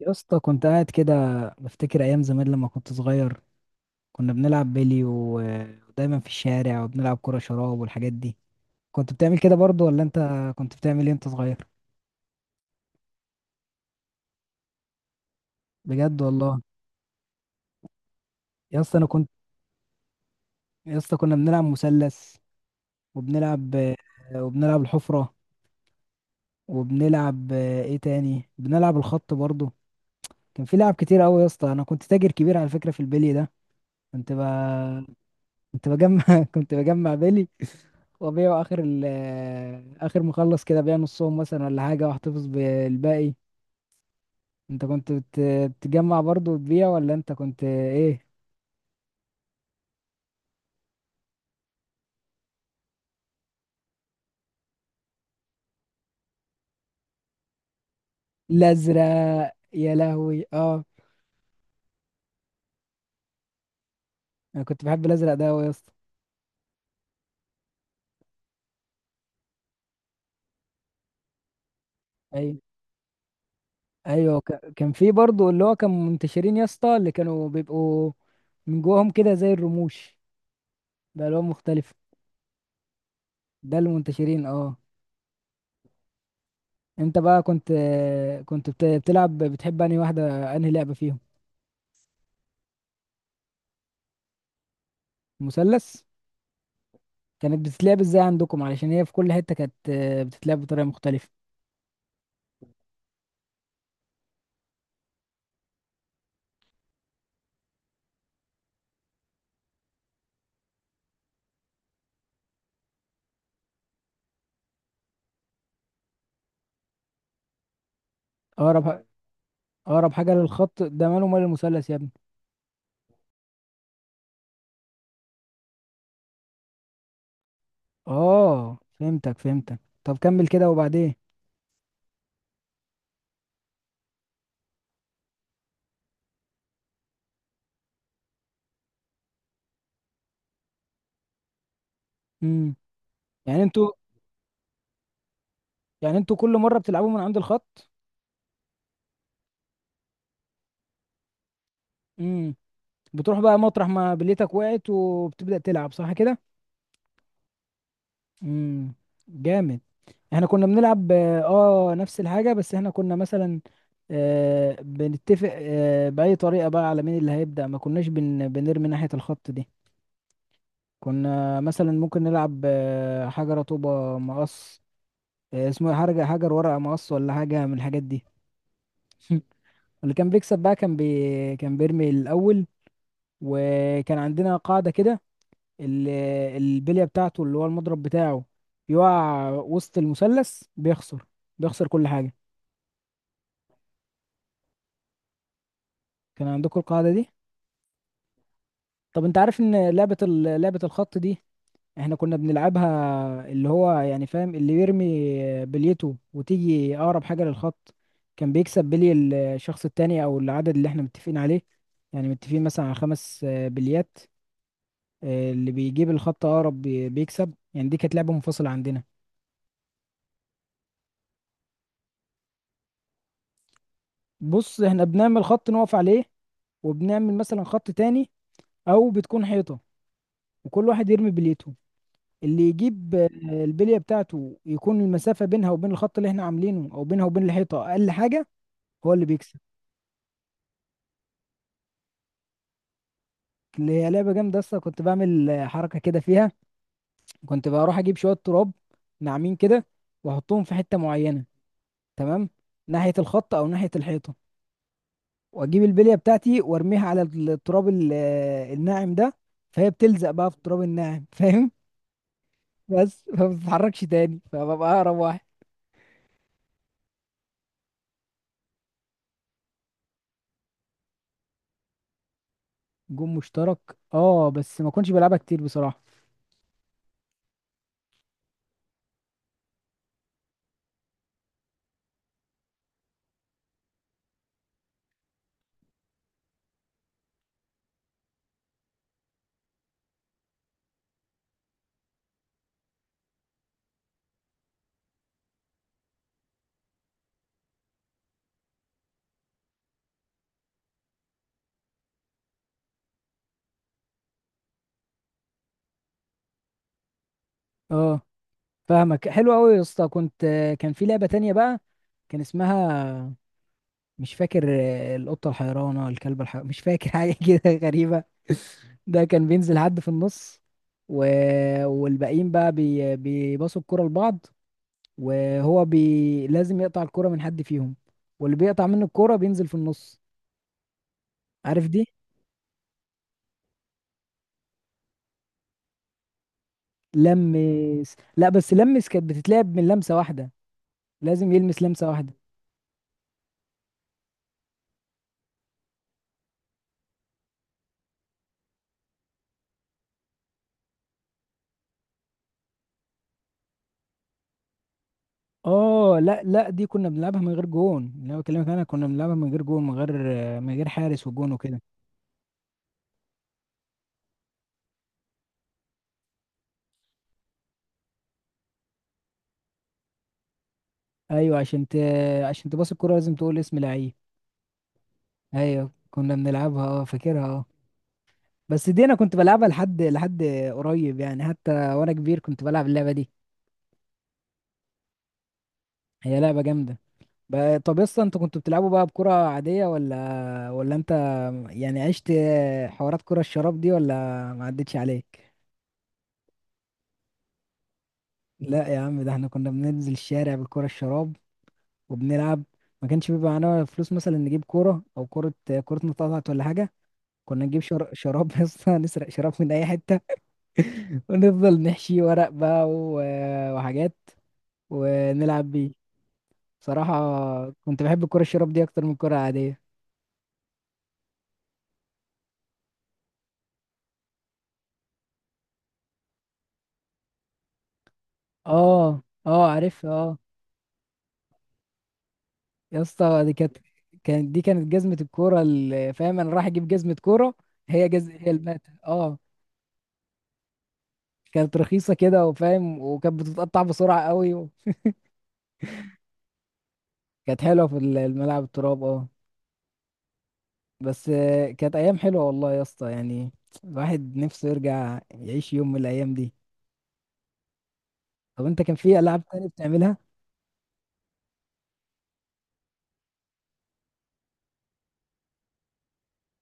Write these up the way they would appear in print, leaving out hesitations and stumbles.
يا اسطى، كنت قاعد كده بفتكر ايام زمان لما كنت صغير. كنا بنلعب بيلي ودايما في الشارع وبنلعب كرة شراب والحاجات دي. كنت بتعمل كده برضو ولا انت؟ كنت بتعمل ايه انت صغير؟ بجد والله. يا اسطى انا كنت، يا اسطى كنا بنلعب مثلث، وبنلعب وبنلعب الحفرة، وبنلعب ايه تاني، بنلعب الخط برضو. كان في لعب كتير قوي يا اسطى. انا كنت تاجر كبير على فكرة في البيلي ده. كنت ب... كنت بجمع كنت بجمع بيلي وأبيعه آخر ال آه، آخر، مخلص كده أبيع نصهم مثلا ولا حاجة وأحتفظ بالباقي. أنت كنت بت- بتجمع برضه وتبيع ولا أنت كنت إيه؟ الأزرق، يا لهوي أه. أنا كنت بحب الأزرق ده أوي يا اسطى. أيوه، أيوه، كان في برضه اللي هو كان منتشرين يا اسطى اللي كانوا بيبقوا من جواهم كده زي الرموش بألوان مختلفة. ده اللي منتشرين أه. أنت بقى بتلعب، بتحب أنهي واحدة، أنهي لعبة فيهم؟ مثلث؟ كانت بتتلعب ازاي عندكم، علشان هي في كل حتة كانت بتتلعب بطريقة مختلفة. اقرب، اقرب حاجة للخط، ده ماله مال المثلث يا ابني؟ اه فهمتك فهمتك، طب كمل كده وبعدين. امم. يعني انتوا يعني انتوا كل مرة بتلعبوا من عند الخط؟ امم. بتروح بقى مطرح ما بليتك وقعت وبتبدأ تلعب، صح كده؟ امم. جامد. احنا كنا بنلعب اه، نفس الحاجة بس احنا كنا مثلا بنتفق بأي طريقة بقى على مين اللي هيبدأ. ما كناش بنرمي ناحية الخط دي. كنا مثلا ممكن نلعب حجر طوبة مقص، اسمه إيه؟ حاجة حجر ورقة مقص ولا حاجة من الحاجات دي. اللي كان بيكسب بقى كان بيرمي الأول. وكان عندنا قاعدة كده، ال- البلية بتاعته، اللي هو المضرب بتاعه، يقع وسط المثلث بيخسر، بيخسر كل حاجة. كان عندكم القاعدة دي؟ طب انت عارف ان لعبة الخط دي احنا كنا بنلعبها، اللي هو يعني فاهم، اللي يرمي بليته وتيجي اقرب حاجة للخط كان بيكسب بلي، الشخص التاني، او العدد اللي احنا متفقين عليه. يعني متفقين مثلا على خمس بليات. اللي بيجيب الخط اقرب بيكسب. يعني دي كانت لعبة منفصلة عندنا. بص احنا بنعمل خط نقف عليه وبنعمل مثلا خط تاني، او بتكون حيطة، وكل واحد يرمي بليته. اللي يجيب البلية بتاعته يكون المسافة بينها وبين الخط اللي احنا عاملينه او بينها وبين الحيطة اقل حاجة، هو اللي بيكسب. اللي هي لعبة جامدة اصلا. كنت بعمل حركة كده فيها. كنت بروح اجيب شوية تراب ناعمين كده واحطهم في حتة معينة، تمام، ناحية الخط او ناحية الحيطة، واجيب البلية بتاعتي وارميها على التراب الناعم ده، فهي بتلزق بقى في التراب الناعم، فاهم؟ بس فما بتتحركش تاني، فببقى اقرب واحد. جون مشترك، اه بس ما كنتش بلعبها كتير بصراحة. اه فاهمك، حلو قوي يا اسطى. كنت آه، كان في لعبة تانية بقى، كان اسمها، مش فاكر، القطة الحيرانة، الكلب الحيرانة، مش فاكر حاجة كده غريبة. ده كان بينزل حد في النص و... والباقيين بقى بيباصوا الكرة لبعض، وهو لازم يقطع الكرة من حد فيهم، واللي بيقطع منه الكرة بينزل في النص. عارف دي؟ لمس؟ لا، بس لمس كانت بتتلعب من لمسة واحدة، لازم يلمس لمسة واحدة. اه لا لا، دي كنا بنلعبها من غير جون. اللي انا بكلمك انا كنا بنلعبها من غير جون، من غير، من غير حارس وجون وكده. ايوه عشان تباص الكرة لازم تقول اسم لعيب. ايوه كنا بنلعبها اه، فاكرها اه. بس دي انا كنت بلعبها لحد لحد قريب يعني، حتى وانا كبير كنت بلعب اللعبة دي. هي لعبة جامدة. بقى طب يسطا، انتوا كنتوا بتلعبوا بقى بكرة عادية ولا انت، يعني عشت حوارات كرة الشراب دي ولا ما عدتش عليك؟ لا يا عم، ده احنا كنا بننزل الشارع بالكرة الشراب وبنلعب. ما كانش بيبقى معانا فلوس مثلا نجيب كورة او كرة، كرة متقطعة ولا حاجة. كنا نجيب شراب يا اسطى، نسرق شراب من اي حته، ونفضل نحشي ورق بقى وحاجات ونلعب بيه. صراحه كنت بحب الكره الشراب دي اكتر من الكره العاديه. اه، اه عارف اه. يا اسطى دي كانت، كانت دي كانت جزمه الكوره، اللي فاهم انا رايح اجيب جزمه كوره. هي المات، اه. كانت رخيصه كده وفاهم، وكانت بتتقطع بسرعه قوي. كانت حلوه في الملعب التراب، اه. بس كانت ايام حلوه والله يا اسطى، يعني الواحد نفسه يرجع يعيش يوم من الايام دي. طب انت كان في العاب تانية بتعملها؟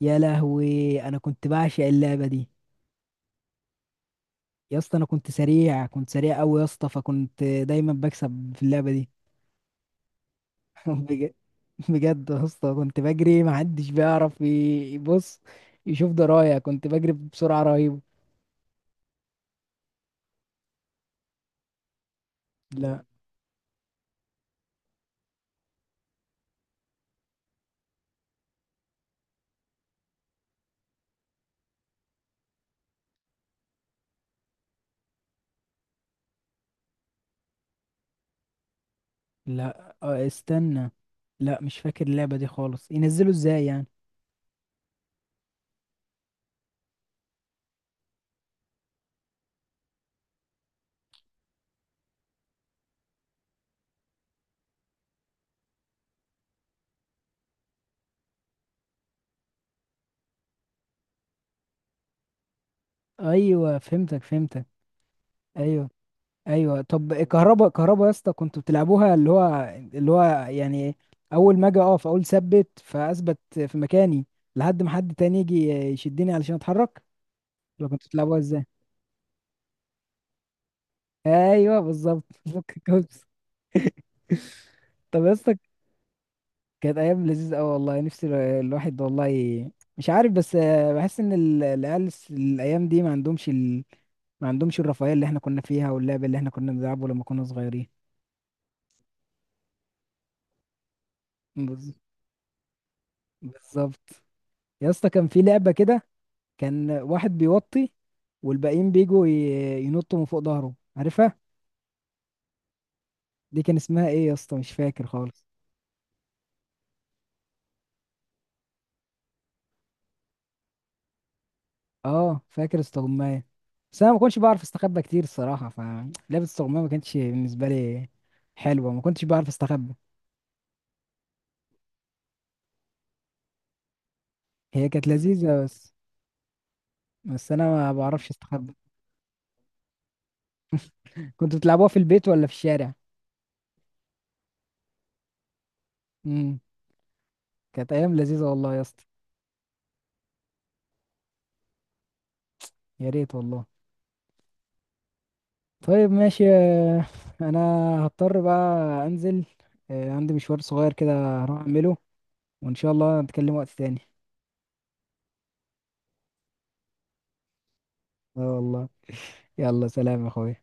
يا لهوي انا كنت بعشق اللعبه دي. يا اسطى انا كنت سريع، كنت سريع قوي يا اسطى، فكنت دايما بكسب في اللعبه دي. بج- بجد يا اسطى كنت بجري، ما حدش بيعرف يبص يشوف درايه، كنت بجري بسرعه رهيبه. لا لا استنى، لا مش فاكر اللعبه دي خالص. ينزلوا ازاي يعني؟ ايوه فهمتك فهمتك. ايوه. ايوه طب الكهرباء، الكهرباء يا اسطى كنتوا بتلعبوها اللي هو يعني اول ما اجي اقف اقول ثبت فاثبت في مكاني لحد ما حد تاني يجي يشدني علشان اتحرك، ولا كنتوا بتلعبوها ازاي؟ ايوه بالظبط فك الكوبس. طب يا اسطى كانت ايام لذيذه قوي والله، نفسي الواحد والله مش عارف، بس بحس ان العيال الايام دي ما عندهمش الرفاهيه اللي احنا كنا فيها واللعب اللي احنا كنا بنلعبه لما كنا صغيرين. بز- بالظبط. يا اسطى كان في لعبة كده، كان واحد بيوطي والباقيين بيجوا ينطوا من فوق ظهره، عارفها؟ دي كان اسمها ايه يا اسطى، مش فاكر خالص. اه فاكر استغماية، بس انا ما كنتش بعرف استخبى كتير الصراحة، فلعبة استغماية ما كانتش بالنسبة لي حلوة، ما كنتش بعرف استخبى. هي كانت لذيذة بس، بس انا ما بعرفش استخبى. كنتوا بتلعبوها في البيت ولا في الشارع؟ امم. كانت ايام لذيذة والله يا اسطى. يا ريت والله. طيب ماشي، انا هضطر بقى انزل، عندي مشوار صغير كده هروح اعمله، وان شاء الله نتكلم وقت تاني. اه والله. يلا سلام يا اخويا.